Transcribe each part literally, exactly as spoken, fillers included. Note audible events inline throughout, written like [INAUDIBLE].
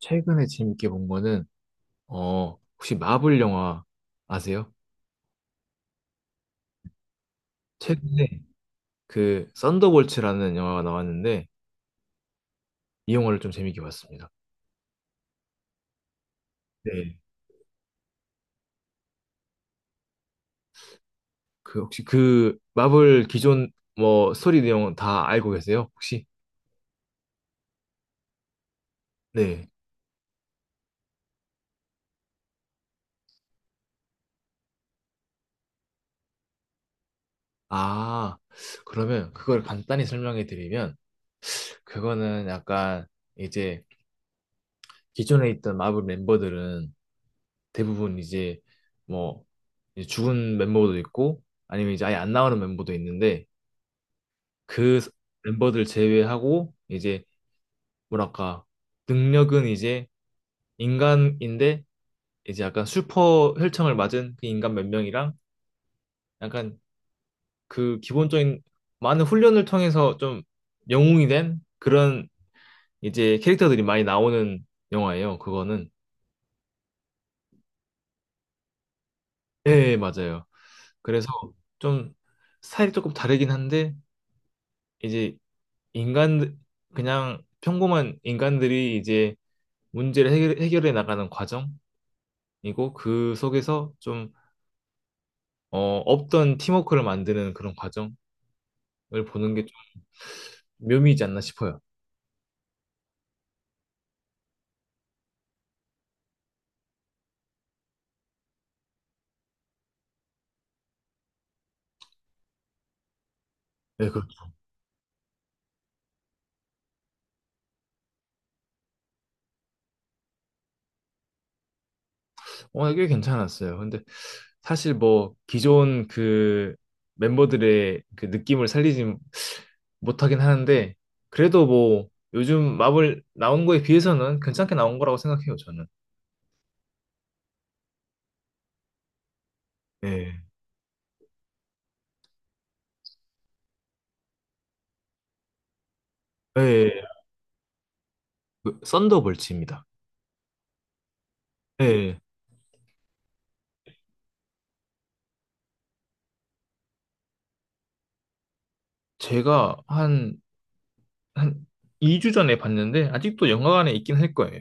최근에 재밌게 본 거는 어 혹시 마블 영화 아세요? 최근에 그 썬더볼츠라는 영화가 나왔는데 이 영화를 좀 재밌게 봤습니다. 네. 그 혹시 그 마블 기존 뭐 스토리 내용 다 알고 계세요? 혹시? 네. 아, 그러면 그걸 간단히 설명해 드리면 그거는 약간 이제 기존에 있던 마블 멤버들은 대부분 이제 뭐 이제 죽은 멤버도 있고 아니면 이제 아예 안 나오는 멤버도 있는데 그 멤버들 제외하고 이제 뭐랄까 능력은 이제 인간인데 이제 약간 슈퍼 혈청을 맞은 그 인간 몇 명이랑 약간 그 기본적인 많은 훈련을 통해서 좀 영웅이 된 그런 이제 캐릭터들이 많이 나오는 영화예요. 그거는. 예, 예, 맞아요. 그래서 좀 스타일이 조금 다르긴 한데 이제 인간 그냥 평범한 인간들이 이제 문제를 해결, 해결해 나가는 과정 이고 그 속에서 좀 어, 없던 팀워크를 만드는 그런 과정을 보는 게 좀 묘미이지 않나 싶어요. 네, 그, 렇. 어, 꽤 괜찮았어요. 근데 사실 뭐 기존 그 멤버들의 그 느낌을 살리지 못하긴 하는데 그래도 뭐 요즘 마블 나온 거에 비해서는 괜찮게 나온 거라고 생각해요, 저는. 예. 예. 그 썬더볼츠입니다. 예. 제가 한, 한 이 주 전에 봤는데 아직도 영화관에 있긴 할 거예요.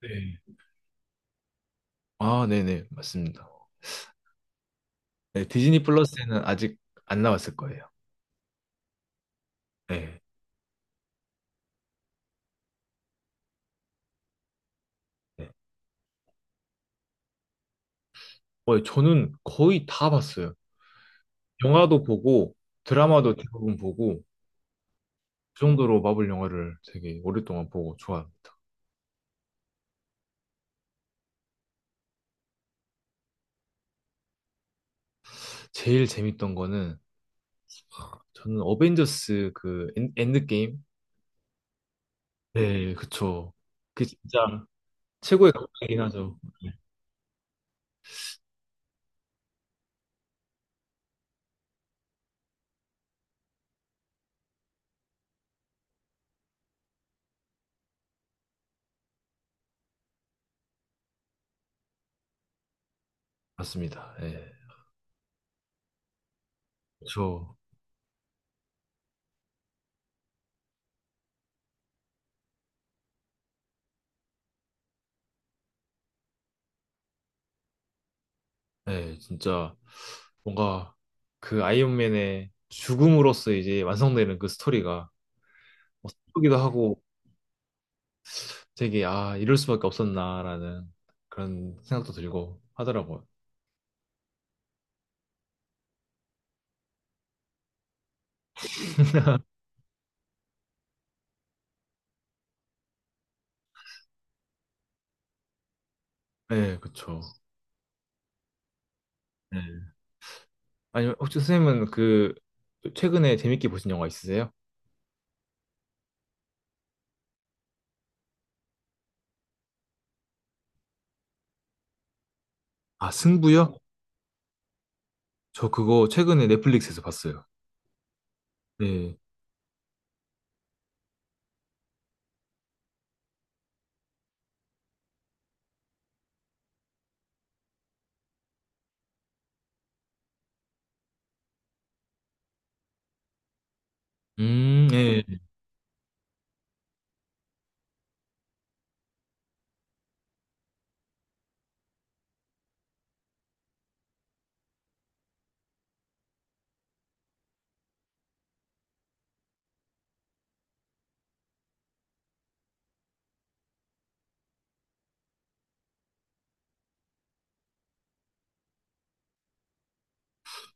네. 아, 네네, 맞습니다. 네, 디즈니 플러스에는 아직 안 나왔을 거예요. 네. 네. 어, 저는 거의 다 봤어요. 영화도 보고, 드라마도 대부분 보고, 그 정도로 마블 영화를 되게 오랫동안 보고 좋아합니다. 제일 재밌던 거는, 저는 어벤져스 그 엔, 엔드게임? 네, 그쵸. 그 진짜 최고의 감동이긴 하죠. 네, 맞습니다. 네. 그쵸. 네, 진짜 뭔가 그 아이언맨의 죽음으로써 이제 완성되는 그 스토리가 뭐 슬프기도 하고 되게 아, 이럴 수밖에 없었나라는 그런 생각도 들고 하더라고요. 네, 그쵸. 네. 아니면 혹시 선생님은 그 최근에 재밌게 보신 영화 있으세요? 아, 승부요? 저 그거 최근에 넷플릭스에서 봤어요. 네. 음, 네.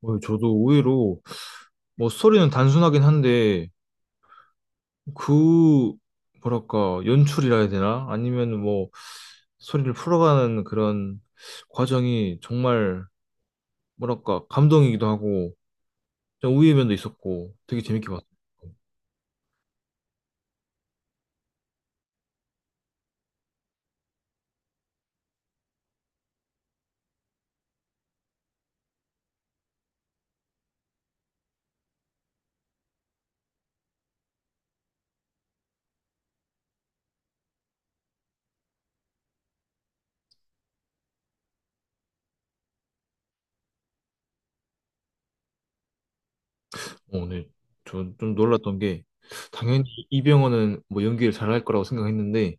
어, 저도 의외로 뭐 스토리는 단순하긴 한데 그 뭐랄까 연출이라 해야 되나? 아니면 뭐 소리를 풀어가는 그런 과정이 정말 뭐랄까 감동이기도 하고 좀 우위의 면도 있었고 되게 재밌게 봤어요. 어, 네. 저좀 놀랐던 게 당연히 이병헌은 뭐 연기를 잘할 거라고 생각했는데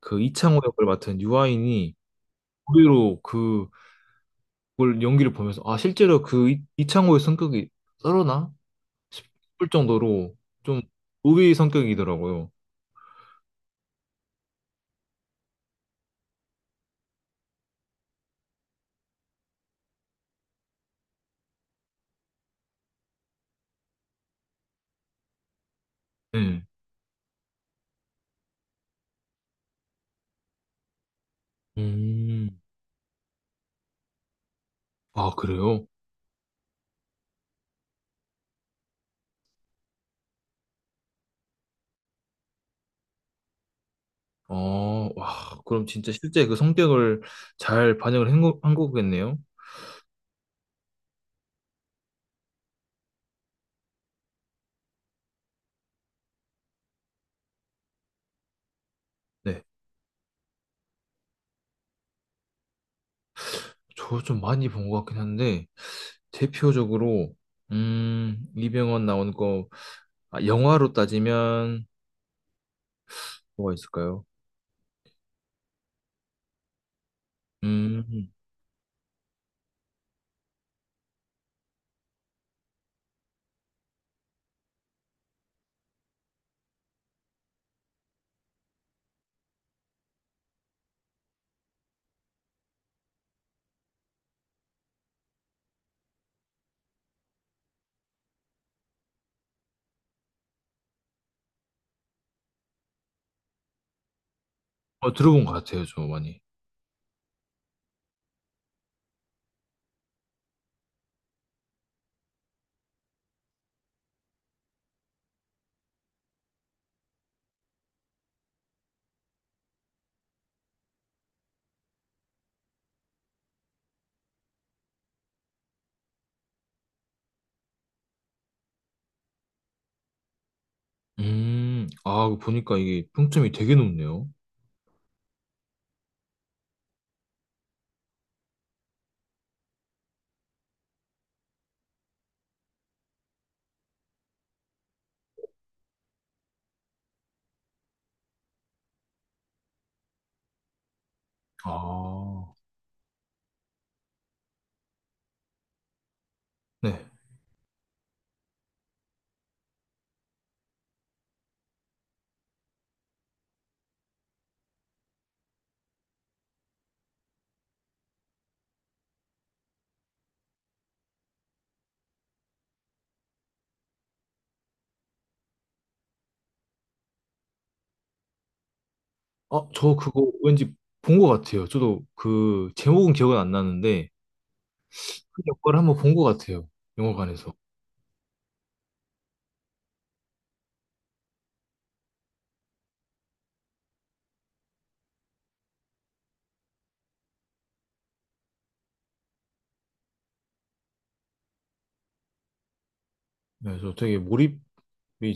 그 이창호 역을 맡은 유아인이 의외로 그걸 연기를 보면서 아 실제로 그 이, 이창호의 성격이 썰어나 싶을 정도로 좀 우위 성격이더라고요. 네. 음. 아, 그래요? 어, 와, 그럼 진짜 실제 그 성격을 잘 반영을 한, 거, 한 거겠네요? 네. 저 좀 많이 본 것 같긴 한데, 대표적으로, 음, 이병헌 나온 거, 아, 영화로 따지면, 뭐가 있을까요? 음, 어, 들어본 것 같아요, 저 많이. 음, 아, 그거 보니까 이게 평점이 되게 높네요. 아, 네. 아, 저 그거 왠지 본 것 같아요. 저도 그, 제목은 기억은 안 나는데, 그 역할을 한번 본 것 같아요. 영화관에서. 네, 그래서 되게 몰입이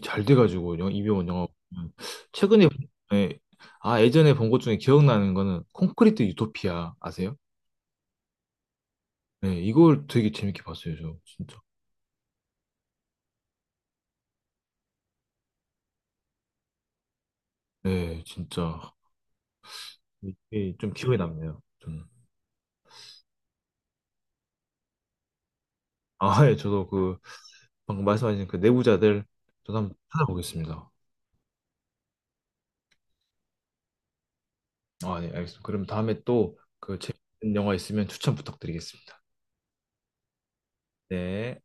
잘 돼가지고 영- 이병헌 영화 보면. 최근에. 네. 아 예전에 본 것 중에 기억나는 거는 콘크리트 유토피아 아세요? 네, 이걸 되게 재밌게 봤어요, 저 진짜. 네, 진짜 이게 좀 기억에 남네요. 저는. 아, [LAUGHS] 예, 저도 그 방금 말씀하신 그 내부자들 저도 한번 찾아보겠습니다. 아, 네, 알겠습니다. 그럼 다음에 또 그 재밌는 영화 있으면 추천 부탁드리겠습니다. 네.